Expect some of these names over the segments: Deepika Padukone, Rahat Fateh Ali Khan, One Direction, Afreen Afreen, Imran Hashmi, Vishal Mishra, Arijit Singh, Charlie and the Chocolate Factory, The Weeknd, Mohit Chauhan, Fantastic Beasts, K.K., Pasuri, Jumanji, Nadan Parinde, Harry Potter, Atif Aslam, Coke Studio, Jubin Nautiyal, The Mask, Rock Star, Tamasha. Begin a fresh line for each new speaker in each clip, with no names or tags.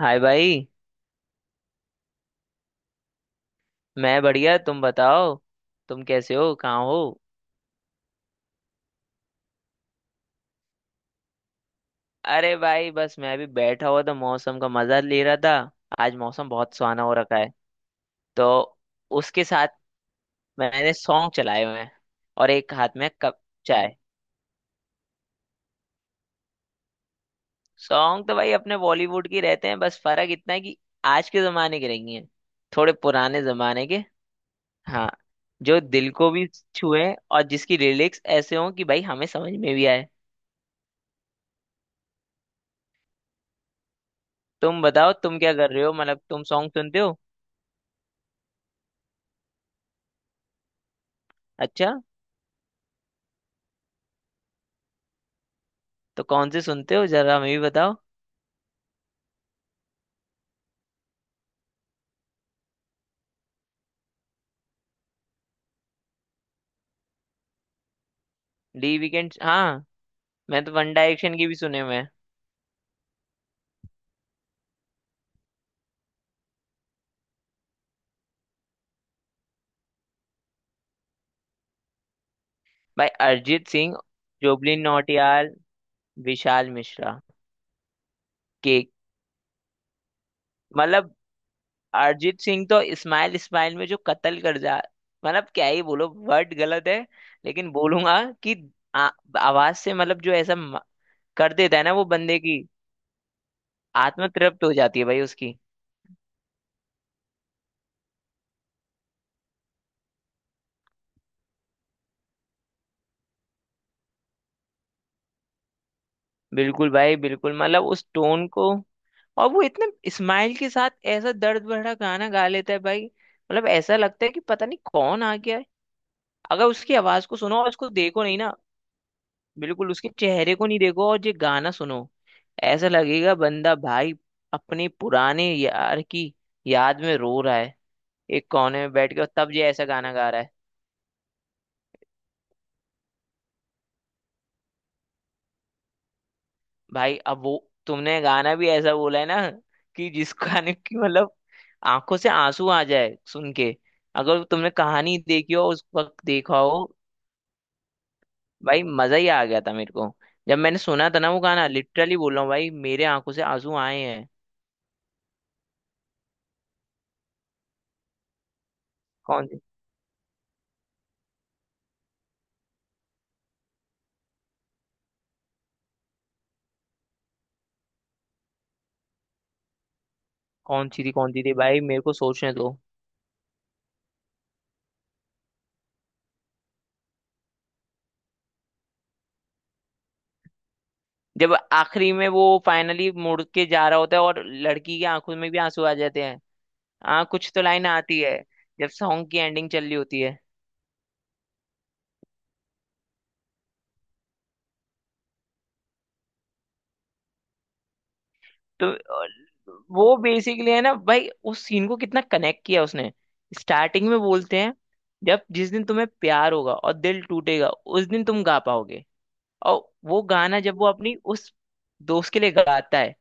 हाय भाई। मैं बढ़िया, तुम बताओ। तुम कैसे हो, कहाँ हो? अरे भाई, बस मैं भी बैठा हुआ था, मौसम का मजा ले रहा था। आज मौसम बहुत सुहाना हो रखा है। तो उसके साथ मैंने सॉन्ग चलाए हुए हैं, और एक हाथ में कप चाय। सॉन्ग तो भाई अपने बॉलीवुड के रहते हैं, बस फर्क इतना है कि आज के जमाने के नहीं है, थोड़े पुराने जमाने के। हाँ। जो दिल को भी छुए, और जिसकी लिरिक्स ऐसे हों कि भाई हमें समझ में भी आए। तुम बताओ तुम क्या कर रहे हो, मतलब तुम सॉन्ग सुनते हो? अच्छा। तो कौन से सुनते हो, जरा हमें भी बताओ। डी वीकेंड, हाँ। मैं तो वन डायरेक्शन की भी सुने हुए हैं। भाई अरिजीत सिंह, जुबली नौटियाल, विशाल मिश्रा। केक। मतलब अरिजीत सिंह तो स्माइल स्माइल में जो कत्ल कर जा, मतलब क्या ही बोलो, वर्ड गलत है लेकिन बोलूंगा कि आ, आवाज से मतलब जो ऐसा कर देता है ना वो बंदे की आत्मा तृप्त हो जाती है भाई उसकी। बिल्कुल भाई बिल्कुल, मतलब उस टोन को। और वो इतने स्माइल के साथ ऐसा दर्द भरा गाना गा लेता है भाई, मतलब ऐसा लगता है कि पता नहीं कौन आ गया है। अगर उसकी आवाज को सुनो और उसको देखो नहीं ना, बिल्कुल उसके चेहरे को नहीं देखो और ये गाना सुनो, ऐसा लगेगा बंदा भाई अपने पुराने यार की याद में रो रहा है, एक कोने में बैठ के, और तब ये ऐसा गाना गा रहा है। भाई अब वो, तुमने गाना भी ऐसा बोला है ना कि जिस गाने की, मतलब आंखों से आंसू आ जाए सुन के। अगर तुमने कहानी देखी हो, उस वक्त देखा हो भाई, मजा ही आ गया था मेरे को जब मैंने सुना था ना वो गाना, लिटरली बोल रहा हूँ भाई मेरे आंखों से आंसू आए हैं। कौन? कौन सी थी, कौन सी थी भाई, मेरे को सोचने दो। जब आखिरी में वो फाइनली मुड़ के जा रहा होता है और लड़की की आंखों में भी आंसू आ जाते हैं। हाँ, कुछ तो लाइन आती है जब सॉन्ग की एंडिंग चल रही होती है। तो वो बेसिकली है ना भाई, उस सीन को कितना कनेक्ट किया उसने। स्टार्टिंग में बोलते हैं, जब जिस दिन तुम्हें प्यार होगा और दिल टूटेगा उस दिन तुम गा पाओगे। और वो गाना जब वो अपनी उस दोस्त के लिए गाता है,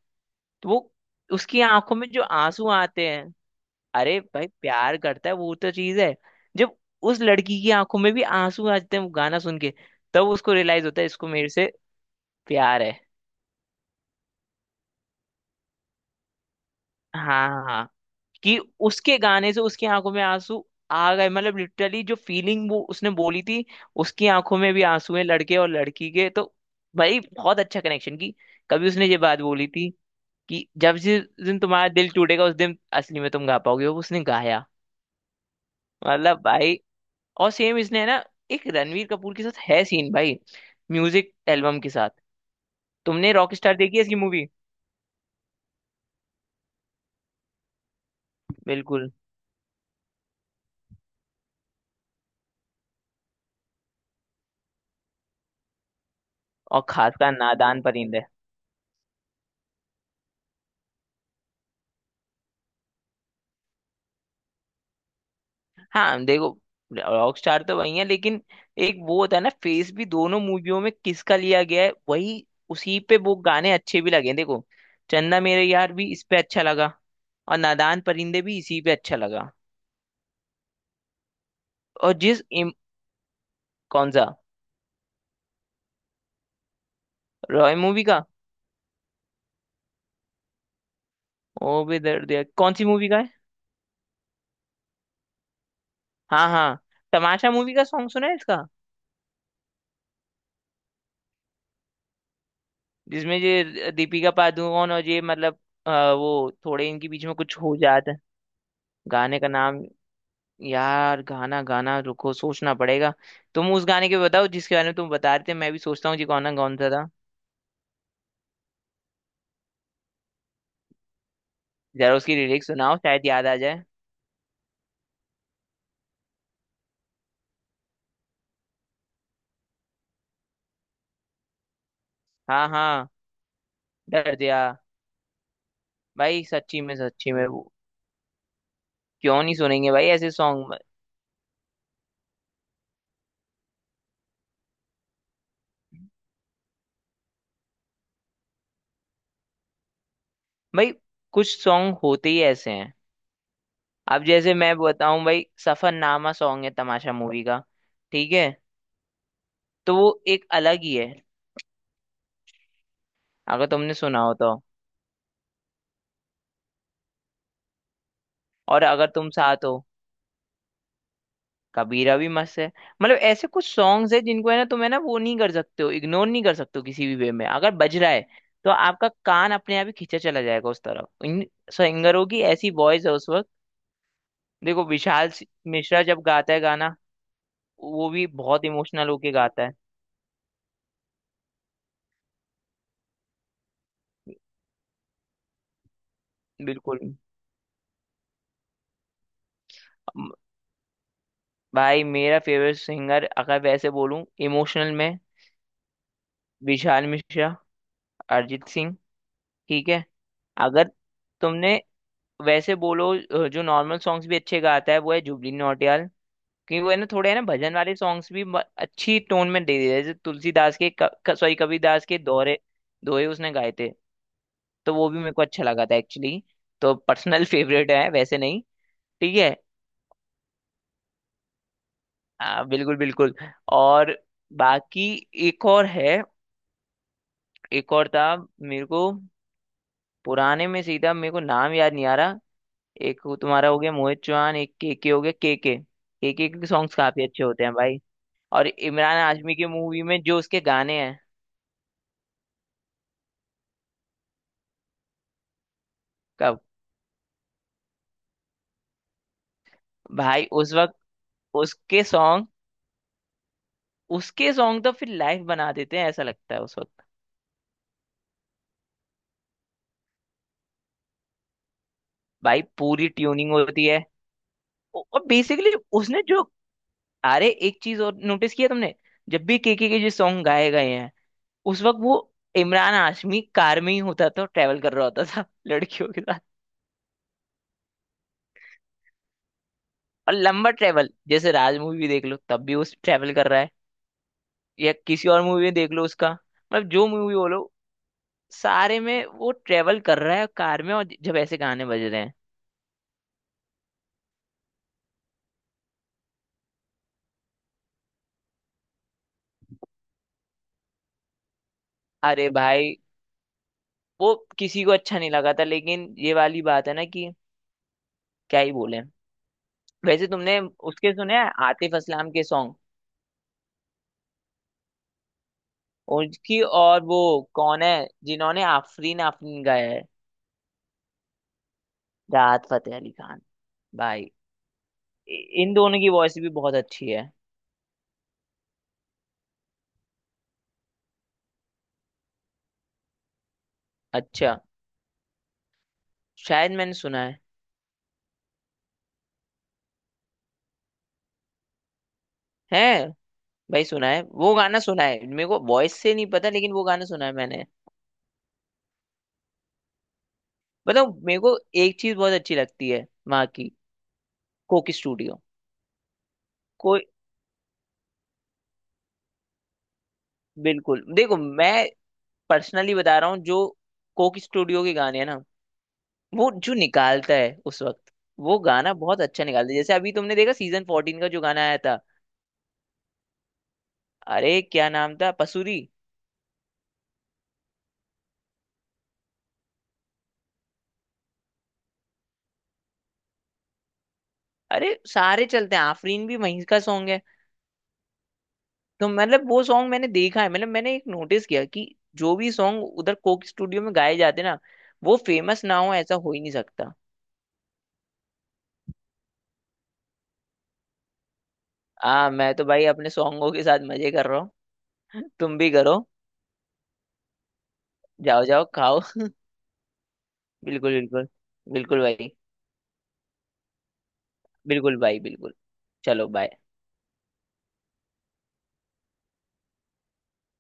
तो वो उसकी आंखों में जो आंसू आते हैं। अरे भाई, प्यार करता है वो तो चीज है। जब उस लड़की की आंखों में भी आंसू आते हैं वो गाना सुन के, तब उसको रियलाइज होता है इसको मेरे से प्यार है। हाँ, हाँ, हाँ। कि उसके गाने से उसकी आंखों में आंसू आ गए, मतलब लिटरली जो फीलिंग वो उसने बोली थी, उसकी आंखों में भी आंसू हैं लड़के और लड़की के तो भाई, बहुत अच्छा कनेक्शन की कभी उसने ये बात बोली थी कि जब जिस दिन तुम्हारा दिल टूटेगा उस दिन असली में तुम गा पाओगे, वो उसने गाया। मतलब भाई, और सेम इसने है ना, एक रणवीर कपूर के साथ है सीन भाई, म्यूजिक एल्बम के साथ। तुमने रॉक स्टार देखी है इसकी मूवी? बिल्कुल। और खासकर नादान परिंदे। हाँ, देखो, रॉक स्टार तो वही है लेकिन एक वो होता है ना, फेस भी दोनों मूवियों में किसका लिया गया है, वही उसी पे वो गाने अच्छे भी लगे हैं। देखो, चन्दा मेरे यार भी इस पे अच्छा लगा, और नादान परिंदे भी इसी पे अच्छा लगा। और कौन सा? रॉय मूवी का? ओ बे दर्द दिया कौन सी मूवी का है? हाँ हाँ। तमाशा मूवी का सॉन्ग सुना है इसका? जिसमें ये दीपिका पादुकोण और ये मतलब वो थोड़े इनके बीच में कुछ हो जाता है। गाने का नाम? यार गाना गाना रुको, सोचना पड़ेगा। तुम उस गाने के बताओ जिसके बारे में तुम बता रहे थे, मैं भी सोचता हूँ जी कौन कौन सा था। जरा उसकी लिरिक्स सुनाओ, शायद याद आ जाए। हाँ, हाँ। डर दिया। भाई सच्ची में वो, क्यों नहीं सुनेंगे भाई ऐसे सॉन्ग। भाई कुछ सॉन्ग होते ही ऐसे हैं। अब जैसे मैं बताऊं भाई, सफरनामा सॉन्ग है तमाशा मूवी का, ठीक है? तो वो एक अलग ही है, अगर तुमने सुना हो तो। और अगर तुम साथ हो। कबीरा भी मस्त है। मतलब ऐसे कुछ सॉन्ग्स है, जिनको है ना, तुम है ना, वो नहीं कर सकते हो, इग्नोर नहीं कर सकते हो किसी भी वे में, अगर बज रहा है तो आपका कान अपने आप ही खींचा चला जाएगा उस तरफ, इन सिंगरों की ऐसी वॉइस है उस वक्त। देखो विशाल मिश्रा जब गाता है गाना, वो भी बहुत इमोशनल होके गाता है। बिल्कुल। भाई मेरा फेवरेट सिंगर अगर वैसे बोलूं इमोशनल में, विशाल मिश्रा, अरिजीत सिंह। ठीक है। अगर तुमने वैसे बोलो जो नॉर्मल सॉन्ग्स भी अच्छे गाता है वो है जुबली नौटियाल। क्योंकि वो है ना थोड़े है ना भजन वाले सॉन्ग्स भी अच्छी टोन में दे देते हैं, जैसे तुलसीदास के सॉरी कबीरदास के दोहरे दोहे उसने गाए थे। तो वो भी मेरे को अच्छा लगा था एक्चुअली। तो पर्सनल फेवरेट है वैसे नहीं। ठीक है। बिल्कुल बिल्कुल। और बाकी एक और है, एक और था, मेरे को पुराने में, सीधा मेरे को नाम याद नहीं आ रहा। एक वो तुम्हारा हो गया मोहित चौहान, एक के हो गया। के, के सॉन्ग्स काफी अच्छे होते हैं भाई। और इमरान हाशमी की मूवी में जो उसके गाने हैं। कब? भाई उस वक्त उसके सॉन्ग, उसके सॉन्ग तो फिर लाइव बना देते हैं, ऐसा लगता है उस वक्त। भाई पूरी ट्यूनिंग होती है। और बेसिकली उसने जो, अरे एक चीज और नोटिस किया तुमने, जब भी के जो सॉन्ग गाए गए हैं, उस वक्त वो इमरान हाशमी कार में ही होता था, ट्रेवल कर रहा होता था लड़कियों के साथ। और लंबा ट्रेवल जैसे राज मूवी भी देख लो तब भी उस ट्रेवल कर रहा है, या किसी और मूवी में देख लो उसका, मतलब जो मूवी बोलो सारे में वो ट्रेवल कर रहा है कार में, और जब ऐसे गाने बज रहे हैं। अरे भाई वो किसी को अच्छा नहीं लगा था, लेकिन ये वाली बात है ना कि क्या ही बोले। वैसे तुमने उसके सुने हैं आतिफ असलाम के सॉन्ग? उसकी और वो कौन है जिन्होंने आफरीन आफरीन गाया है? राहत फतेह अली खान। भाई इ- इन दोनों की वॉइस भी बहुत अच्छी है। अच्छा, शायद मैंने सुना है। है। भाई सुना है, वो गाना सुना है, मेरे को वॉइस से नहीं पता लेकिन वो गाना सुना है मैंने। बताओ मेरे को, एक चीज बहुत अच्छी लगती है वहाँ की, कोकी स्टूडियो। कोई। बिल्कुल, देखो मैं पर्सनली बता रहा हूँ, जो कोकी स्टूडियो के गाने हैं ना, वो जो निकालता है उस वक्त, वो गाना बहुत अच्छा निकालता है, जैसे अभी तुमने देखा सीजन 14 का जो गाना आया था। अरे क्या नाम था, पसूरी। अरे सारे चलते हैं, आफरीन भी वहीं का सॉन्ग है। तो मतलब वो सॉन्ग मैंने देखा है, मतलब मैंने एक नोटिस किया कि जो भी सॉन्ग उधर कोक स्टूडियो में गाए जाते ना, वो फेमस ना हो ऐसा हो ही नहीं सकता। आ मैं तो भाई अपने सॉन्गों के साथ मजे कर रहा हूँ। तुम भी करो। जाओ जाओ खाओ। बिल्कुल बिल्कुल। बिल्कुल भाई। बिल्कुल भाई बिल्कुल। चलो, बाय।